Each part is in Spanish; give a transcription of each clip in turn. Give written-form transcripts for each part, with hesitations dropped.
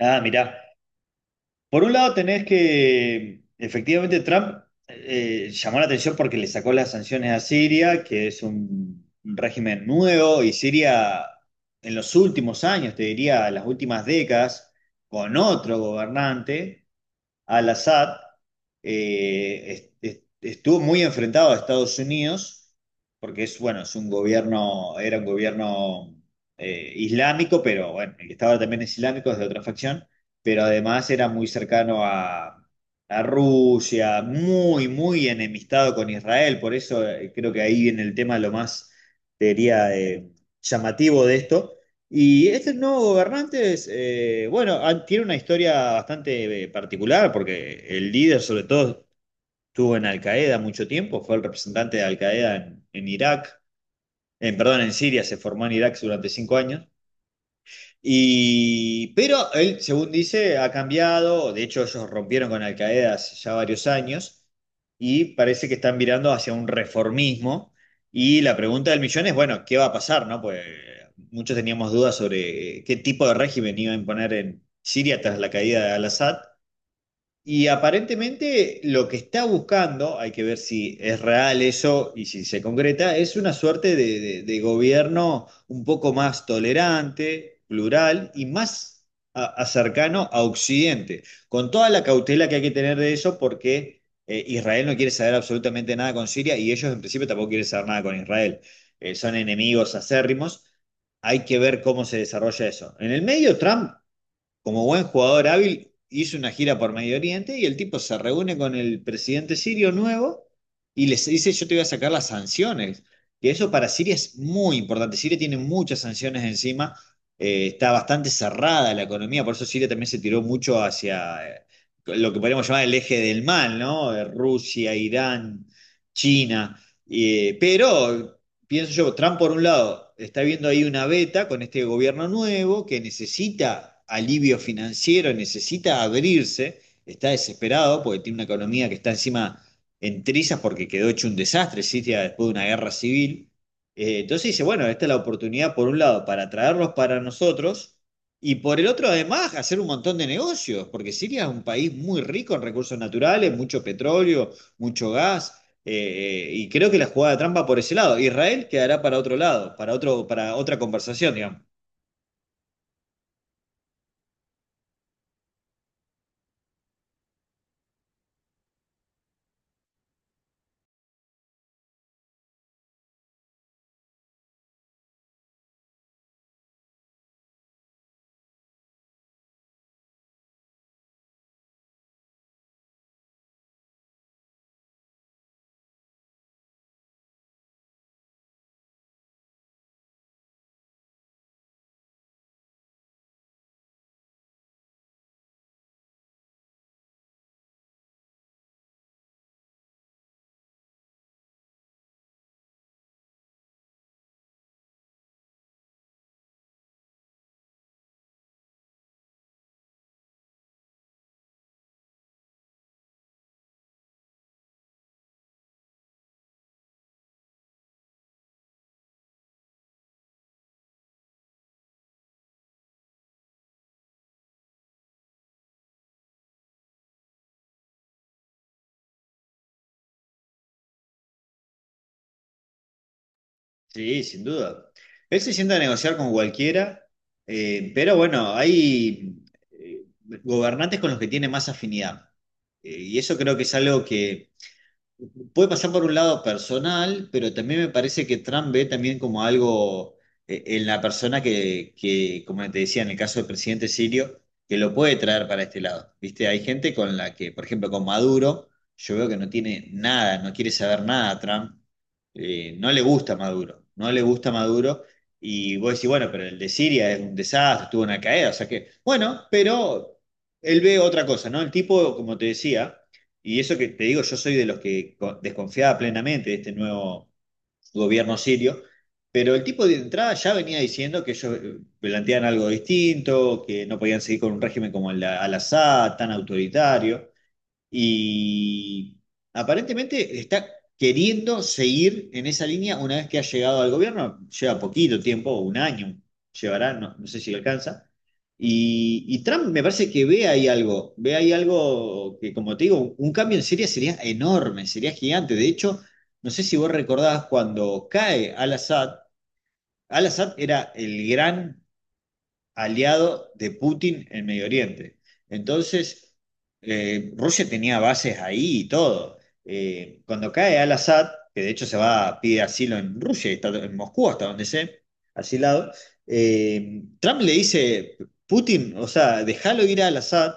Ah, mirá. Por un lado tenés que, efectivamente, Trump llamó la atención porque le sacó las sanciones a Siria, que es un régimen nuevo, y Siria en los últimos años, te diría, las últimas décadas, con otro gobernante. Al-Assad estuvo muy enfrentado a Estados Unidos, porque es, bueno, es un gobierno, era un gobierno islámico, pero bueno, el que estaba también es islámico, es de otra facción, pero además era muy cercano a Rusia, muy, muy enemistado con Israel, por eso creo que ahí viene el tema lo más, te diría, llamativo de esto. Y este nuevo gobernante es, bueno, tiene una historia bastante particular porque el líder sobre todo estuvo en Al Qaeda mucho tiempo, fue el representante de Al Qaeda en Irak, en, perdón, en Siria, se formó en Irak durante 5 años y, pero él, según dice, ha cambiado. De hecho, ellos rompieron con Al Qaeda hace ya varios años y parece que están mirando hacia un reformismo. Y la pregunta del millón es, bueno, ¿qué va a pasar, no? Pues muchos teníamos dudas sobre qué tipo de régimen iba a imponer en Siria tras la caída de Al-Assad. Y aparentemente lo que está buscando, hay que ver si es real eso y si se concreta, es una suerte de gobierno un poco más tolerante, plural y más a cercano a Occidente, con toda la cautela que hay que tener de eso porque Israel no quiere saber absolutamente nada con Siria y ellos en principio tampoco quieren saber nada con Israel. Son enemigos acérrimos. Hay que ver cómo se desarrolla eso. En el medio, Trump, como buen jugador hábil, hizo una gira por Medio Oriente y el tipo se reúne con el presidente sirio nuevo y les dice, yo te voy a sacar las sanciones. Y eso para Siria es muy importante. Siria tiene muchas sanciones encima, está bastante cerrada la economía, por eso Siria también se tiró mucho hacia lo que podríamos llamar el eje del mal, ¿no? Rusia, Irán, China. Pero pienso yo, Trump por un lado está viendo ahí una beta con este gobierno nuevo que necesita alivio financiero, necesita abrirse, está desesperado porque tiene una economía que está encima en trizas porque quedó hecho un desastre, Siria, después de una guerra civil. Entonces dice, bueno, esta es la oportunidad por un lado para traerlos para nosotros y por el otro además hacer un montón de negocios, porque Siria es un país muy rico en recursos naturales, mucho petróleo, mucho gas, y creo que la jugada trampa por ese lado. Israel quedará para otro lado, para otro, para otra conversación, digamos. Sí, sin duda. Él se sienta a negociar con cualquiera, pero bueno, hay eh, gobernantes con los que tiene más afinidad. Y eso creo que es algo que puede pasar por un lado personal, pero también me parece que Trump ve también como algo en la persona que, como te decía, en el caso del presidente sirio, que lo puede traer para este lado. ¿Viste? Hay gente con la que, por ejemplo, con Maduro, yo veo que no tiene nada, no quiere saber nada a Trump, no le gusta Maduro, no le gusta Maduro. Y vos decís, bueno, pero el de Siria es un desastre, tuvo una caída, o sea que, bueno, pero él ve otra cosa, ¿no? El tipo, como te decía, y eso que te digo, yo soy de los que desconfiaba plenamente de este nuevo gobierno sirio, pero el tipo de entrada ya venía diciendo que ellos planteaban algo distinto, que no podían seguir con un régimen como el de Al-Assad, tan autoritario, y aparentemente está queriendo seguir en esa línea una vez que ha llegado al gobierno. Lleva poquito tiempo, 1 año llevará, no, no sé si le alcanza. Y Trump me parece que ve ahí algo que, como te digo, un cambio en Siria sería enorme, sería gigante. De hecho, no sé si vos recordás cuando cae al-Assad, al-Assad era el gran aliado de Putin en Medio Oriente. Entonces, Rusia tenía bases ahí y todo. Cuando cae al-Assad, que de hecho se va a pedir asilo en Rusia, y está en Moscú hasta donde sé, asilado, Trump le dice, Putin, o sea, déjalo ir al Assad,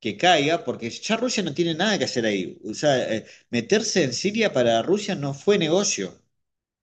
que caiga, porque ya Rusia no tiene nada que hacer ahí. O sea, meterse en Siria para Rusia no fue negocio.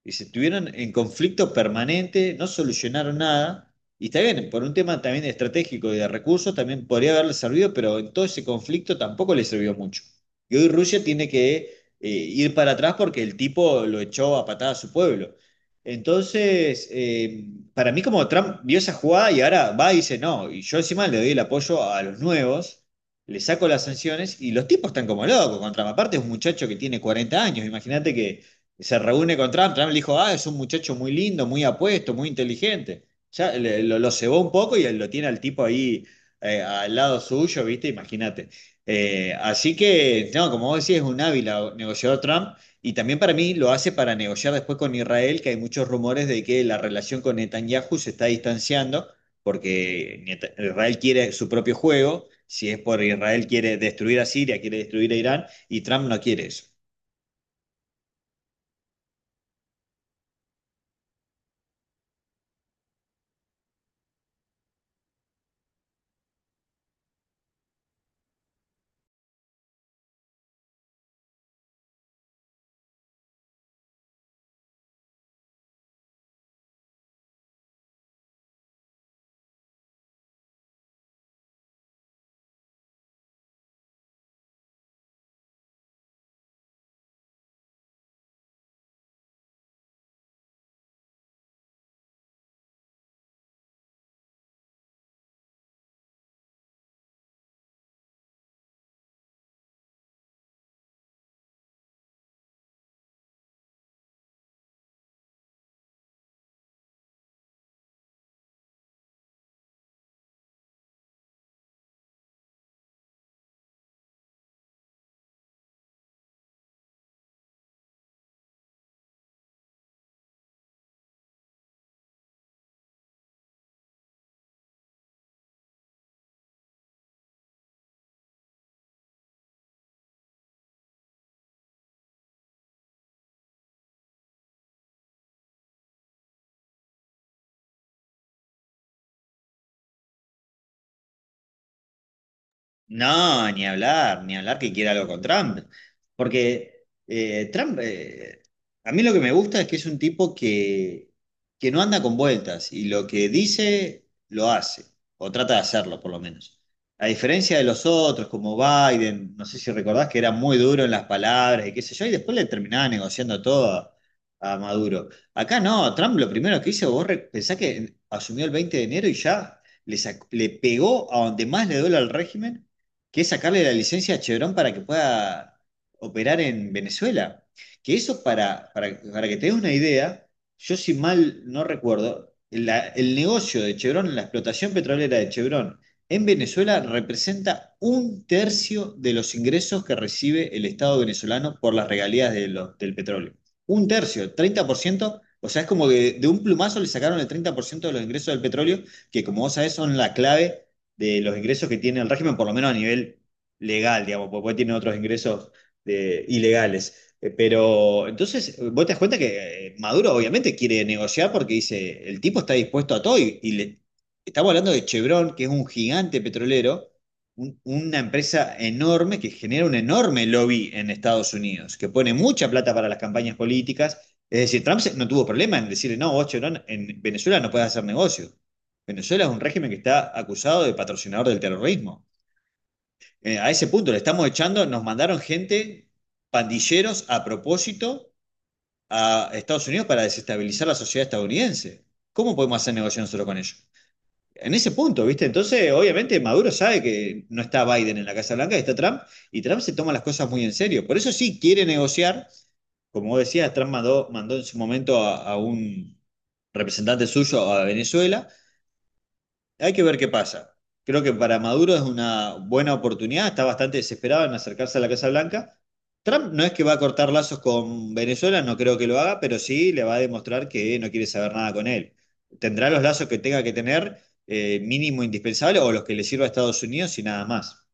Dice, estuvieron en conflicto permanente, no solucionaron nada. Y está bien, por un tema también estratégico y de recursos, también podría haberle servido, pero en todo ese conflicto tampoco le sirvió mucho. Y hoy Rusia tiene que ir para atrás porque el tipo lo echó a patada a su pueblo. Entonces, para mí como Trump vio esa jugada y ahora va y dice, no, y yo encima le doy el apoyo a los nuevos, le saco las sanciones y los tipos están como locos contra. Aparte es un muchacho que tiene 40 años, imagínate que se reúne con Trump, Trump le dijo, ah, es un muchacho muy lindo, muy apuesto, muy inteligente. Ya lo cebó un poco y lo tiene al tipo ahí, al lado suyo, ¿viste? Imagínate. Así que, no, como vos decís, es un hábil negociador Trump, y también para mí lo hace para negociar después con Israel, que hay muchos rumores de que la relación con Netanyahu se está distanciando porque Israel quiere su propio juego, si es por Israel quiere destruir a Siria, quiere destruir a Irán y Trump no quiere eso. No, ni hablar, ni hablar que quiera algo con Trump. Porque Trump, a mí lo que me gusta es que es un tipo que no anda con vueltas y lo que dice lo hace, o trata de hacerlo por lo menos. A diferencia de los otros, como Biden, no sé si recordás que era muy duro en las palabras y qué sé yo, y después le terminaba negociando todo a Maduro. Acá no, Trump lo primero que hizo, vos pensás que asumió el 20 de enero y ya le pegó a donde más le duele al régimen, que es sacarle la licencia a Chevron para que pueda operar en Venezuela. Que eso, para que te des una idea, yo si mal no recuerdo, el negocio de Chevron, la explotación petrolera de Chevron en Venezuela representa un tercio de los ingresos que recibe el Estado venezolano por las regalías de del petróleo. Un tercio, 30%. O sea, es como que de un plumazo le sacaron el 30% de los ingresos del petróleo, que como vos sabés son la clave de los ingresos que tiene el régimen, por lo menos a nivel legal, digamos, porque tiene otros ingresos ilegales. Pero entonces vos te das cuenta que Maduro obviamente quiere negociar porque dice, el tipo está dispuesto a todo y le, estamos hablando de Chevron, que es un gigante petrolero, una empresa enorme que genera un enorme lobby en Estados Unidos, que pone mucha plata para las campañas políticas. Es decir, Trump no tuvo problema en decirle, no, vos Chevron en Venezuela no puedes hacer negocio. Venezuela es un régimen que está acusado de patrocinador del terrorismo. A ese punto le estamos echando, nos mandaron gente, pandilleros a propósito, a Estados Unidos para desestabilizar la sociedad estadounidense. ¿Cómo podemos hacer negocio nosotros con ellos? En ese punto, ¿viste? Entonces, obviamente, Maduro sabe que no está Biden en la Casa Blanca, está Trump, y Trump se toma las cosas muy en serio. Por eso sí quiere negociar. Como vos decías, Trump mandó, mandó en su momento a un representante suyo a Venezuela. Hay que ver qué pasa. Creo que para Maduro es una buena oportunidad, está bastante desesperado en acercarse a la Casa Blanca. Trump no es que va a cortar lazos con Venezuela, no creo que lo haga, pero sí le va a demostrar que no quiere saber nada con él. Tendrá los lazos que tenga que tener, mínimo indispensable, o los que le sirva a Estados Unidos y nada más.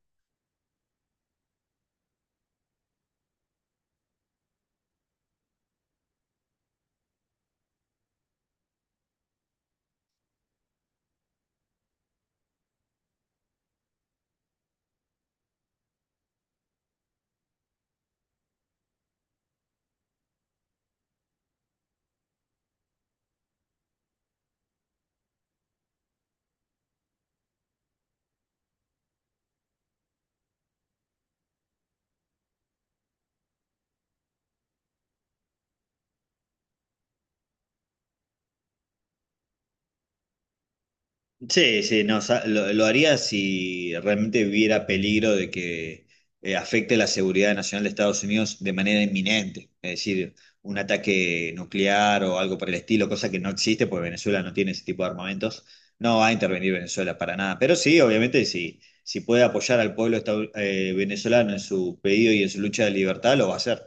Sí, sí, no, lo haría si realmente hubiera peligro de que afecte la seguridad nacional de Estados Unidos de manera inminente, es decir, un ataque nuclear o algo por el estilo, cosa que no existe porque Venezuela no tiene ese tipo de armamentos, no va a intervenir Venezuela para nada, pero sí, obviamente, si, si puede apoyar al pueblo venezolano en su pedido y en su lucha de libertad, lo va a hacer.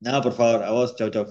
Nada, por favor, a vos, chau, chau.